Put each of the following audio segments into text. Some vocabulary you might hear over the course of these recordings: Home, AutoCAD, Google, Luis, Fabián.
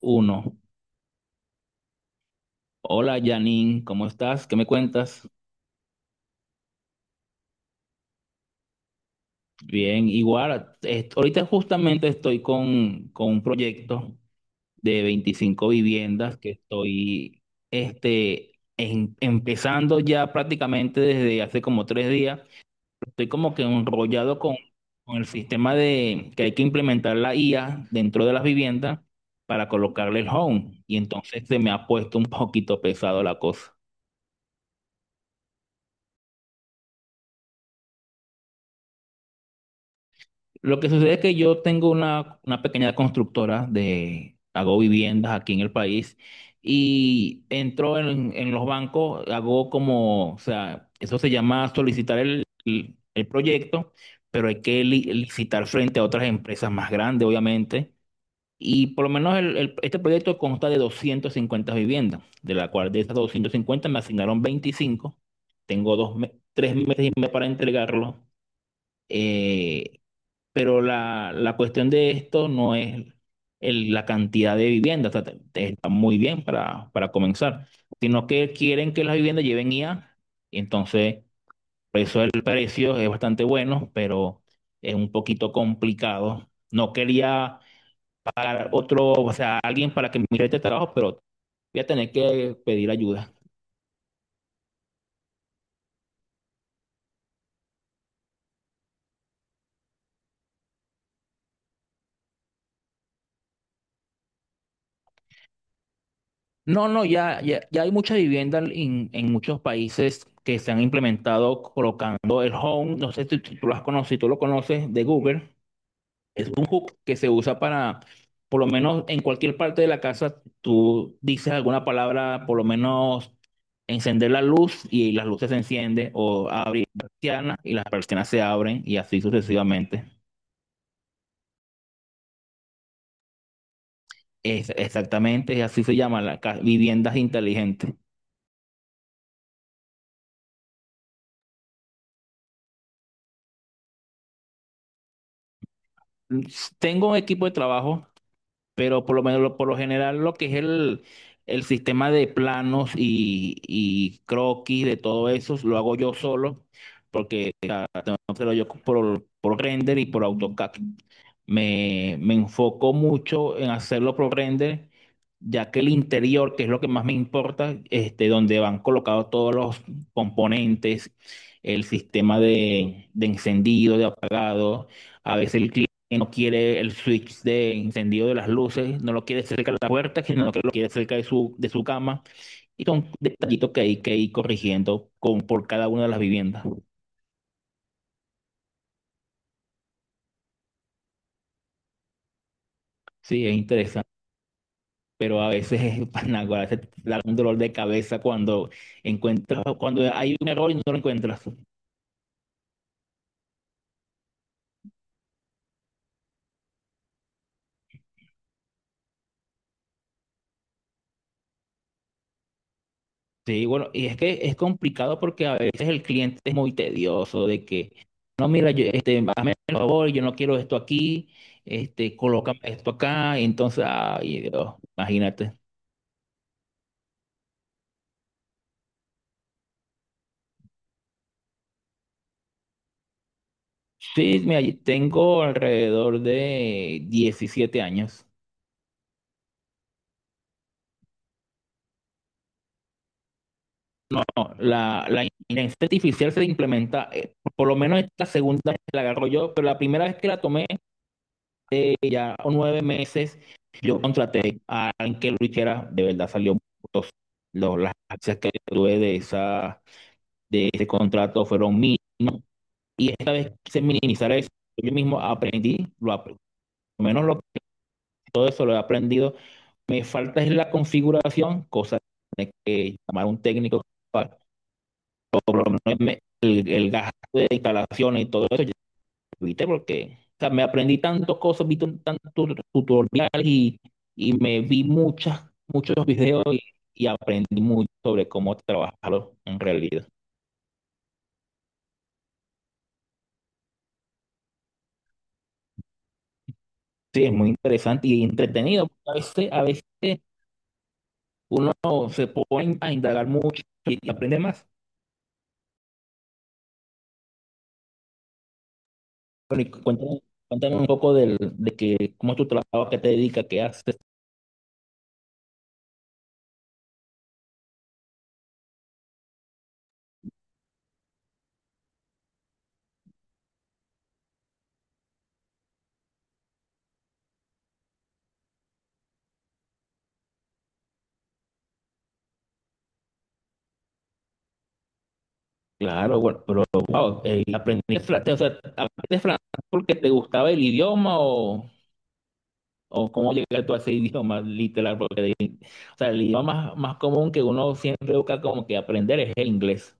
Uno. Hola Janine, ¿cómo estás? ¿Qué me cuentas? Bien, igual, ahorita justamente estoy con un proyecto de 25 viviendas que estoy empezando ya prácticamente desde hace como tres días. Estoy como que enrollado con el sistema de que hay que implementar la IA dentro de las viviendas para colocarle el home. Y entonces se me ha puesto un poquito pesado la cosa. Lo que sucede es que yo tengo una pequeña constructora de, hago viviendas aquí en el país y entro en los bancos, hago como, o sea, eso se llama solicitar el proyecto, pero hay que licitar frente a otras empresas más grandes, obviamente. Y por lo menos este proyecto consta de 250 viviendas, de la cual de esas 250 me asignaron veinticinco. Tengo tres meses y medio para entregarlo. Eh, pero la cuestión de esto no es la cantidad de viviendas, o está muy bien para comenzar, sino que quieren que las viviendas lleven IA, y entonces por eso el precio es bastante bueno, pero es un poquito complicado. No quería otro, o sea, alguien para que me mire este trabajo, pero voy a tener que pedir ayuda. No, no, ya hay mucha vivienda en muchos países que se han implementado colocando el Home, no sé si tú lo has conocido, si tú lo conoces, de Google. Es un hook que se usa para, por lo menos en cualquier parte de la casa, tú dices alguna palabra, por lo menos encender la luz y las luces se encienden, o abrir la persiana y las persianas se abren y así sucesivamente. Es, exactamente, así se llama, viviendas inteligentes. Tengo un equipo de trabajo, pero por lo menos por lo general lo que es el sistema de planos y croquis de todo eso lo hago yo solo, porque pero yo por render y por AutoCAD. Me enfoco mucho en hacerlo por render, ya que el interior, que es lo que más me importa, este, donde van colocados todos los componentes, el sistema de encendido, de apagado, a veces el cliente no quiere el switch de encendido de las luces, no lo quiere cerca de la puerta, sino que lo quiere cerca de de su cama. Y son detallitos que hay que ir corrigiendo con, por cada una de las viviendas. Sí, es interesante, pero a veces es panágora, a veces te da un dolor de cabeza cuando encuentras, cuando hay un error y no lo encuentras. Sí, bueno, y es que es complicado porque a veces el cliente es muy tedioso de que, no, mira, yo, este, hazme el favor, yo no quiero esto aquí, este, coloca esto acá, y entonces, ay, Dios, imagínate. Sí, mira, yo tengo alrededor de 17 años. No, la inteligencia artificial se implementa, por lo menos esta segunda vez que la agarro yo, pero la primera vez que la tomé ya nueve meses, yo contraté a alguien que lo hiciera, de verdad salió muy costoso. Las acciones que tuve de esa, de ese contrato fueron mínimas. Y esta vez quise minimizar eso. Yo mismo aprendí, por lo menos todo eso lo he aprendido. Me falta es la configuración, cosa que tiene que llamar un técnico para, o por lo menos el gasto de instalaciones y todo eso. ¿Viste? Porque o sea, me aprendí tantas cosas, tantos tutoriales y me vi muchos videos y aprendí mucho sobre cómo trabajarlo en realidad. Sí, es muy interesante y entretenido. Porque a veces uno se pone a indagar mucho y aprende más. Bueno, y cuéntame, cuéntame un poco del, de que, cómo es tu trabajo, qué te dedicas, qué haces. Claro, bueno, pero wow, aprendiste francés, o sea, aprendiste francés porque te gustaba el idioma o cómo llegar tú a ese idioma literal, porque o sea, el idioma más común que uno siempre busca como que aprender es el inglés.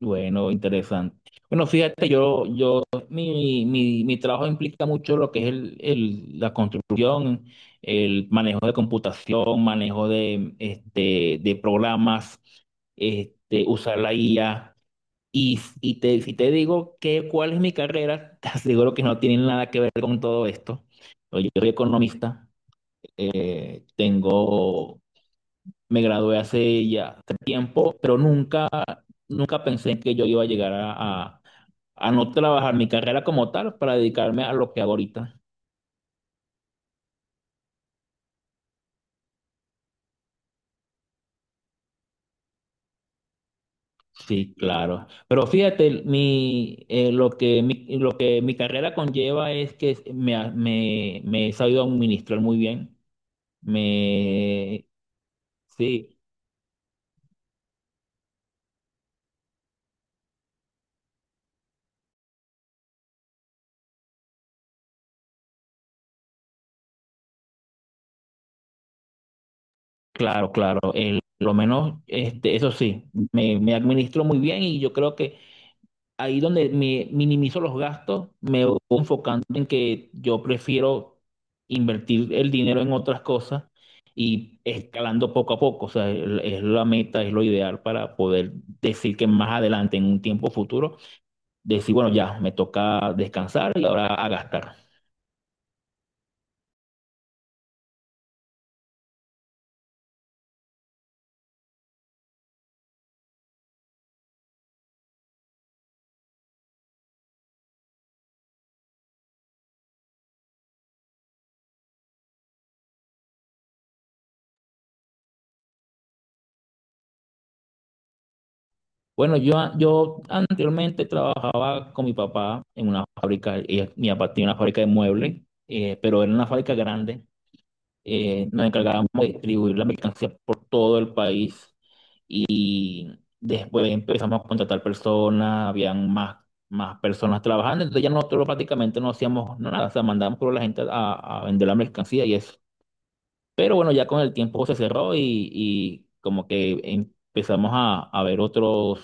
Bueno, interesante. Bueno, fíjate, mi trabajo implica mucho lo que es la construcción, el manejo de computación, manejo de, este, de programas, este, usar la IA. Si te digo que cuál es mi carrera, te aseguro que no tiene nada que ver con todo esto. Yo soy economista. Eh, Tengo, me gradué hace ya tiempo, pero nunca, nunca pensé que yo iba a llegar a- a no trabajar mi carrera como tal para dedicarme a lo que hago ahorita. Sí, claro. Pero fíjate, mi, lo que mi, lo que mi carrera conlleva es que me he sabido administrar muy bien. Me, sí, claro, claro. Lo menos, este, eso sí, me administro muy bien y yo creo que ahí donde me minimizo los gastos, me voy enfocando en que yo prefiero invertir el dinero en otras cosas y escalando poco a poco. O sea, es la meta, es lo ideal para poder decir que más adelante, en un tiempo futuro, decir, bueno, ya me toca descansar y ahora a gastar. Bueno, yo anteriormente trabajaba con mi papá en una fábrica, y mi papá tenía una fábrica de muebles, pero era una fábrica grande. Eh, nos encargábamos de distribuir la mercancía por todo el país y después empezamos a contratar personas, habían más, más personas trabajando, entonces ya nosotros prácticamente no hacíamos nada, o sea, mandábamos por la gente a vender la mercancía y eso. Pero bueno, ya con el tiempo se cerró y como que empezamos a ver otros,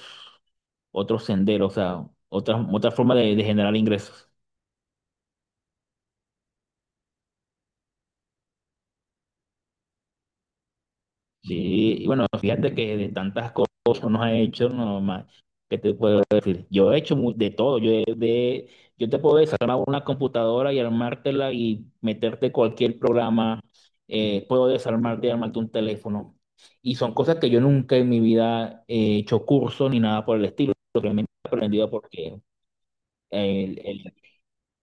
otros senderos, o sea, otra forma de generar ingresos. Sí, y bueno, fíjate que de tantas cosas que uno ha hecho, no más, ¿qué te puedo decir? Yo he hecho de todo, yo, yo te puedo desarmar una computadora y armártela y meterte cualquier programa, puedo desarmarte y armarte un teléfono. Y son cosas que yo nunca en mi vida he hecho curso ni nada por el estilo, realmente he aprendido porque el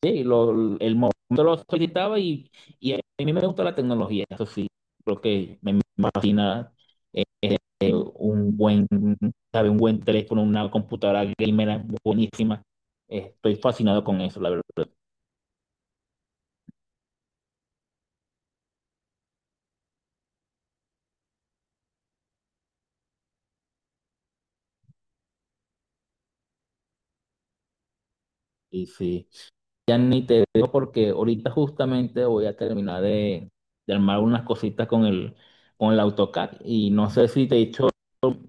sí, el momento lo solicitaba y a mí me gusta la tecnología, eso sí, creo que me fascina eh, un buen, sabe, un buen teléfono, una computadora gamer buenísima. Estoy fascinado con eso, la verdad. Y sí, ya ni te digo porque ahorita justamente voy a terminar de armar unas cositas con con el AutoCAD y no sé si te he hecho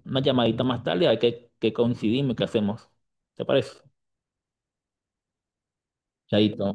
una llamadita más tarde, hay que coincidimos, ¿qué hacemos? ¿Te parece? Chaito.